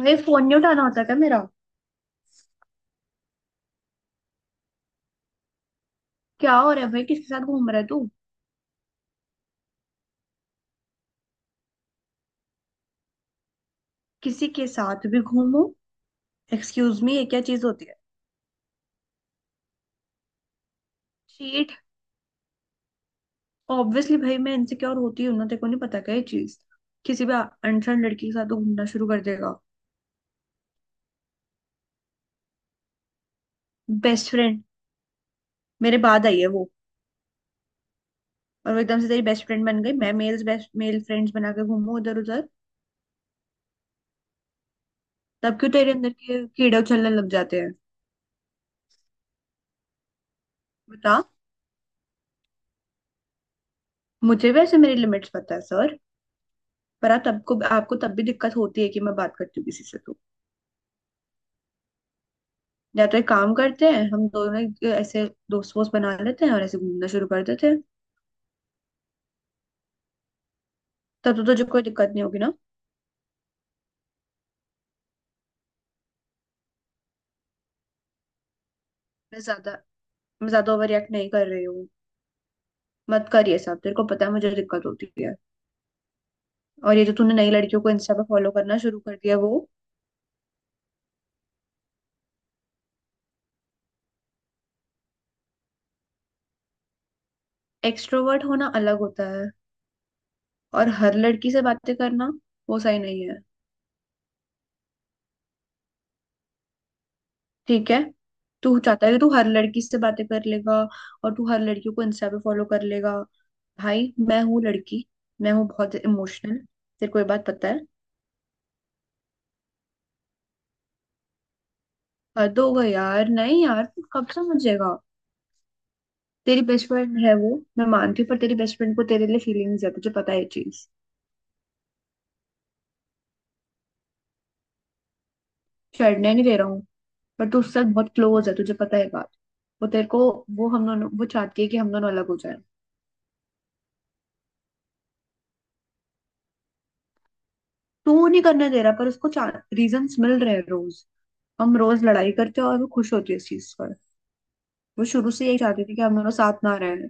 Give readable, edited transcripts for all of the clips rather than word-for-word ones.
भाई फोन नहीं उठाना होता क्या मेरा। क्या हो रहा है भाई? किसके साथ घूम रहा है तू? किसी के साथ भी घूमो? एक्सक्यूज मी, ये क्या चीज होती है? चीट? ऑब्वियसली भाई, मैं इनसिक्योर होती हूँ ना, तेरे को नहीं पता क्या ये चीज? किसी भी अनसन लड़की के साथ तो घूमना शुरू कर देगा। Best friend? मेरे बाद आई है वो। और वो एकदम से तेरी बेस्ट फ्रेंड बन गई? मैं मेल्स बेस्ट मेल फ्रेंड्स बना के घूमू उधर उधर? तब क्यों तेरे अंदर के कीड़े उछलने लग जाते हैं? बता। मुझे वैसे मेरी लिमिट्स पता है सर। पर आप तब को आपको तब भी दिक्कत होती है कि मैं बात करती हूँ किसी से तो। या तो एक काम करते हैं, हम दोनों एक ऐसे दोस्त वोस्त बना लेते हैं और ऐसे घूमना शुरू कर देते हैं। तब तो तुझे कोई दिक्कत नहीं होगी ना? मैं ज्यादा मैं ज्यादा ओवर रिएक्ट नहीं कर रही हूँ। मत कर ये सब, तेरे को पता है मुझे दिक्कत होती है। और ये जो तूने नई लड़कियों को इंस्टा पे फॉलो करना शुरू कर दिया वो? एक्सट्रोवर्ट होना अलग होता है, और हर लड़की से बातें करना वो सही नहीं है। ठीक है, तू चाहता है कि तू हर लड़की से बातें कर लेगा और तू हर लड़कियों को इंस्टा पे फॉलो कर लेगा? भाई, मैं हूँ लड़की, मैं हूँ बहुत इमोशनल, तेरे को ये बात पता है। हद हो गई यार। नहीं यार, तू कब समझेगा? तेरी बेस्ट फ्रेंड है वो, मैं मानती हूँ, पर तेरी बेस्ट फ्रेंड को तेरे लिए फीलिंग्स है, तुझे पता है ये चीज? छेड़ने नहीं दे रहा हूँ। पर तू उसके साथ बहुत क्लोज है, तुझे पता है बात। वो तेरे को वो चाहती है कि हम दोनों अलग हो जाए। तू नहीं करने दे रहा, पर उसको रीजंस मिल रहे हैं रोज। हम रोज लड़ाई करते हैं और वो खुश होती है इस चीज पर। वो शुरू से यही चाहती थी कि हम दोनों साथ ना रहें।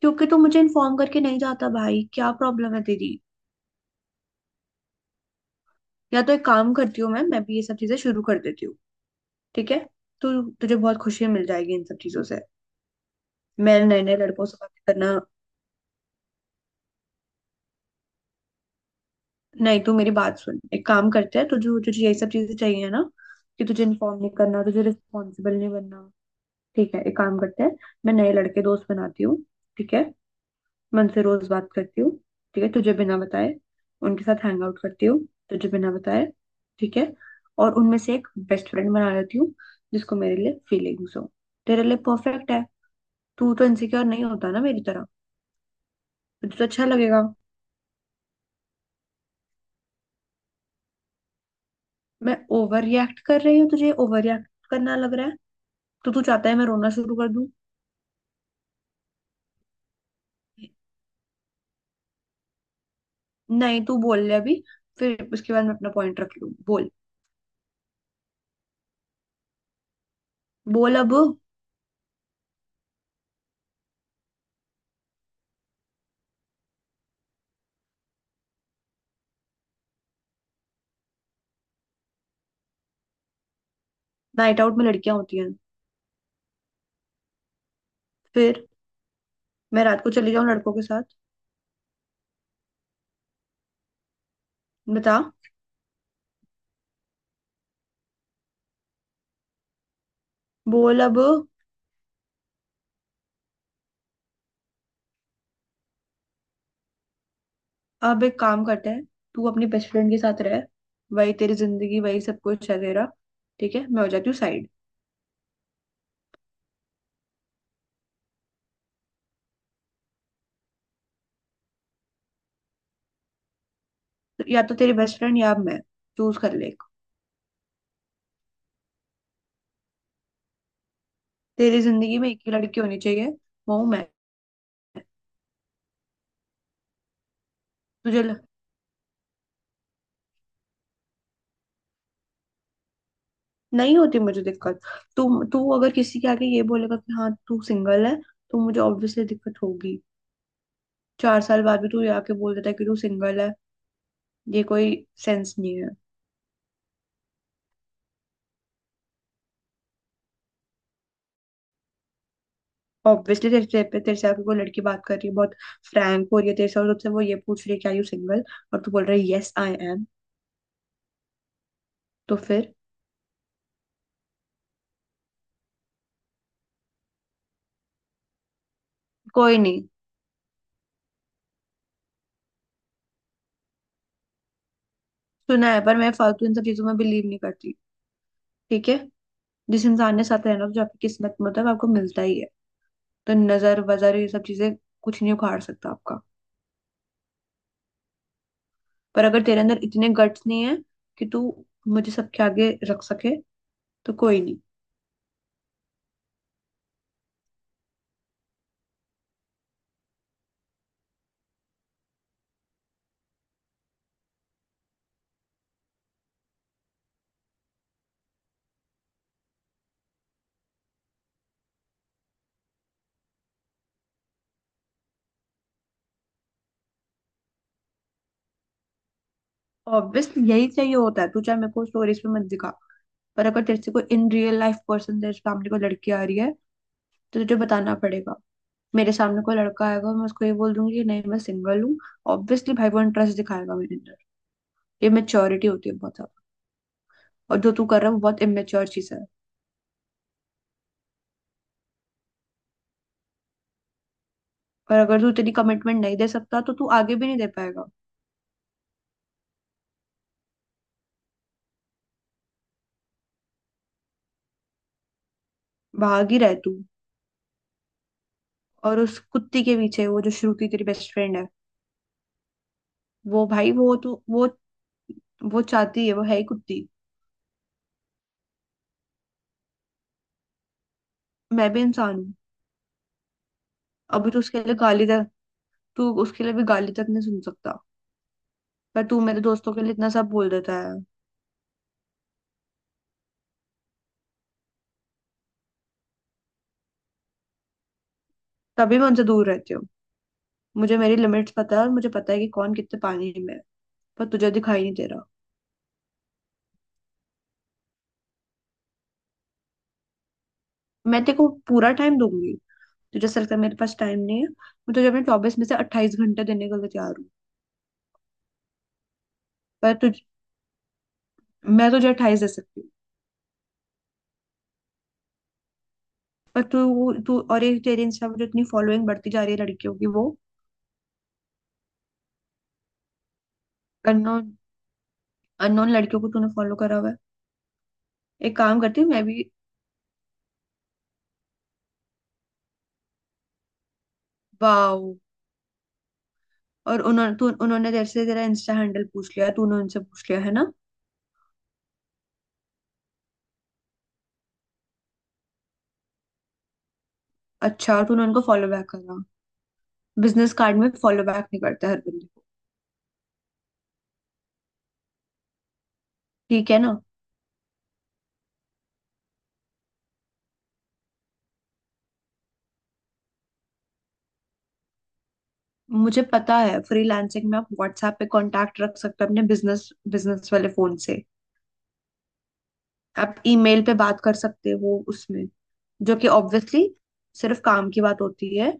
क्योंकि तू मुझे इन्फॉर्म करके नहीं जाता भाई, क्या प्रॉब्लम है तेरी? या तो एक काम करती हूँ, मैं भी ये सब चीजें शुरू कर देती हूँ। ठीक है, तो तुझे बहुत खुशी मिल जाएगी इन सब चीजों से। मेरे नए नए लड़कों से बात करना। नहीं, तू मेरी बात सुन, एक काम करते हैं, तुझे तुझे यही सब चीजें चाहिए ना, कि तुझे इन्फॉर्म नहीं करना, तुझे रिस्पॉन्सिबल नहीं बनना। ठीक है, एक काम करते हैं, मैं नए लड़के दोस्त बनाती हूँ। ठीक है। मैं उनसे रोज बात करती हूँ। ठीक है, तुझे बिना बताए उनके साथ हैंग आउट करती हूँ, तुझे बिना बताए। ठीक है। और उनमें से एक बेस्ट फ्रेंड बना लेती हूँ जिसको मेरे लिए फीलिंग्स हो। तेरे लिए परफेक्ट है, तू तो इनसिक्योर नहीं होता ना मेरी तरह, तुझे तो अच्छा लगेगा। मैं ओवर रिएक्ट कर रही हूँ? तुझे ओवर रिएक्ट करना लग रहा है? तो तू चाहता है मैं रोना शुरू कर दूं? नहीं, तू बोल ले अभी, फिर उसके बाद मैं अपना पॉइंट रख लूं, बोल। बोल अब। नाइट आउट में लड़कियां होती हैं फिर? मैं रात को चली जाऊं लड़कों के साथ? बता। बोल अब। अब एक काम करते हैं, तू अपनी बेस्ट फ्रेंड के साथ रह, वही तेरी जिंदगी, वही सब कुछ है तेरा। ठीक है, मैं हो जाती हूँ साइड। या तो तेरी बेस्ट फ्रेंड या मैं, चूज कर ले। तेरी जिंदगी में एक ही लड़की होनी चाहिए, वो हूं मैं। तुझे नहीं होती, मुझे दिक्कत। तू तू अगर किसी के आगे ये बोलेगा कि हाँ तू सिंगल है, तो मुझे ऑब्वियसली दिक्कत होगी। 4 साल बाद भी तू ये आके बोल देता है कि तू सिंगल है, ये कोई सेंस नहीं है। ऑब्वियसली तेरे तेरे पे तेरे से आके कोई लड़की बात कर रही है, बहुत फ्रैंक हो रही है तेरे से, और तुझसे वो ये पूछ रही है क्या यू सिंगल, और तू बोल रहा है यस आई एम, तो फिर? कोई नहीं। सुना है, पर मैं फालतू इन सब चीजों में बिलीव नहीं करती। ठीक है। जिस इंसान ने साथ रहना, तो जो आपकी किस्मत में होता है वो आपको मिलता ही है। तो नजर वजर ये सब चीजें कुछ नहीं उखाड़ सकता आपका। पर अगर तेरे अंदर इतने गट्स नहीं है कि तू मुझे सबके आगे रख सके, तो कोई नहीं। ऑब्वियसली यही चाहिए होता है, तू चाहे मेरे को स्टोरीज पे मत दिखा, पर अगर तेरे से कोई इन रियल लाइफ पर्सन तेरे सामने कोई लड़की आ रही है, तो तुझे बताना पड़ेगा। मेरे सामने कोई लड़का आएगा, मैं उसको ये बोल दूंगी कि नहीं मैं सिंगल हूँ? ऑब्वियसली भाई वो इंटरेस्ट दिखाएगा मेरे अंदर। ये मेच्योरिटी होती है बहुत ज्यादा, और जो तू कर रहा है वो बहुत इमेच्योर चीज है। और अगर तू इतनी कमिटमेंट नहीं दे सकता, तो तू आगे भी नहीं दे पाएगा। भाग ही रहे तू। और उस कुत्ती के पीछे, वो जो श्रुति तेरी बेस्ट फ्रेंड है, वो भाई वो तो वो चाहती है, वो है ही कुत्ती। मैं भी इंसान हूँ। अभी तो उसके लिए गाली तक, तू उसके लिए भी गाली तक नहीं सुन सकता। पर तू मेरे दोस्तों के लिए इतना सब बोल देता है। तभी मैं उनसे दूर रहती हूँ। मुझे मेरी लिमिट्स पता है, और मुझे पता है कि कौन कितने पानी में है, पर तुझे दिखाई नहीं दे रहा। मैं तेरे को पूरा टाइम दूंगी। तुझे ऐसा लगता है मेरे पास टाइम नहीं है? मैं तुझे अपने 24 में से 28 घंटे देने के लिए तैयार हूँ। पर तुझ मैं तुझे 28 दे सकती हूँ। पर तू तू और ये तेरे इंस्टा पर जो इतनी फॉलोइंग बढ़ती जा रही है लड़कियों की, वो अननोन अननोन लड़कियों को तूने फॉलो करा हुआ है। एक काम करती हूँ मैं भी। वाओ। और उन्होंने तेरे से तेरा इंस्टा हैंडल पूछ लिया, तूने उनसे पूछ लिया है ना? अच्छा, और तूने उनको फॉलो बैक करा? बिजनेस कार्ड में फॉलो बैक नहीं करता हर बंदे को, ठीक है ना? मुझे पता है फ्रीलांसिंग में आप व्हाट्सएप पे कांटेक्ट रख सकते हो, अपने बिजनेस बिजनेस वाले फोन से। आप ईमेल पे बात कर सकते हो उसमें, जो कि ऑब्वियसली सिर्फ काम की बात होती है।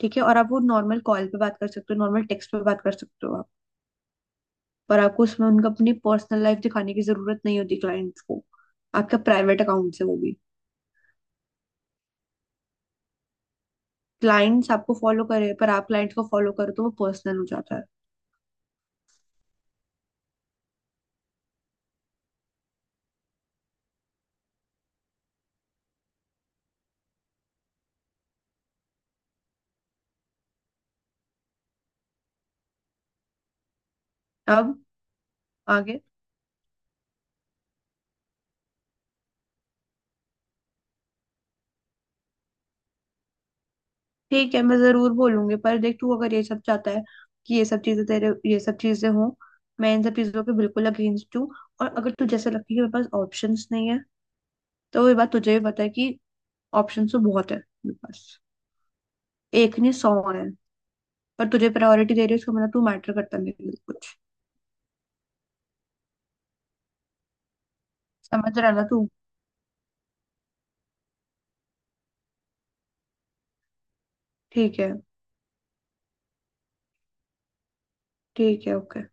ठीक है, और आप वो नॉर्मल कॉल पे बात कर सकते हो, नॉर्मल टेक्स्ट पे बात कर सकते हो आप। पर आपको उसमें उनका अपनी पर्सनल लाइफ दिखाने की जरूरत नहीं होती क्लाइंट्स को। आपका प्राइवेट अकाउंट है वो भी, क्लाइंट्स आपको फॉलो करे पर आप क्लाइंट्स को फॉलो करो तो वो पर्सनल हो जाता है। अब आगे? ठीक है मैं जरूर बोलूंगी, पर देख तू अगर ये सब चाहता है कि ये सब चीजें, तेरे ये सब चीजें हों, मैं इन सब चीजों के बिल्कुल अगेंस्ट हूँ। और अगर तुझे ऐसा लगता है कि मेरे पास ऑप्शंस नहीं है, तो ये बात तुझे भी पता है कि ऑप्शंस तो बहुत है मेरे पास, एक नहीं 100 है। पर तुझे प्रायोरिटी दे रही है, उसका मतलब तू मैटर करता नहीं है कुछ, समझ रहा है ना तू? ठीक है। ठीक है, ओके।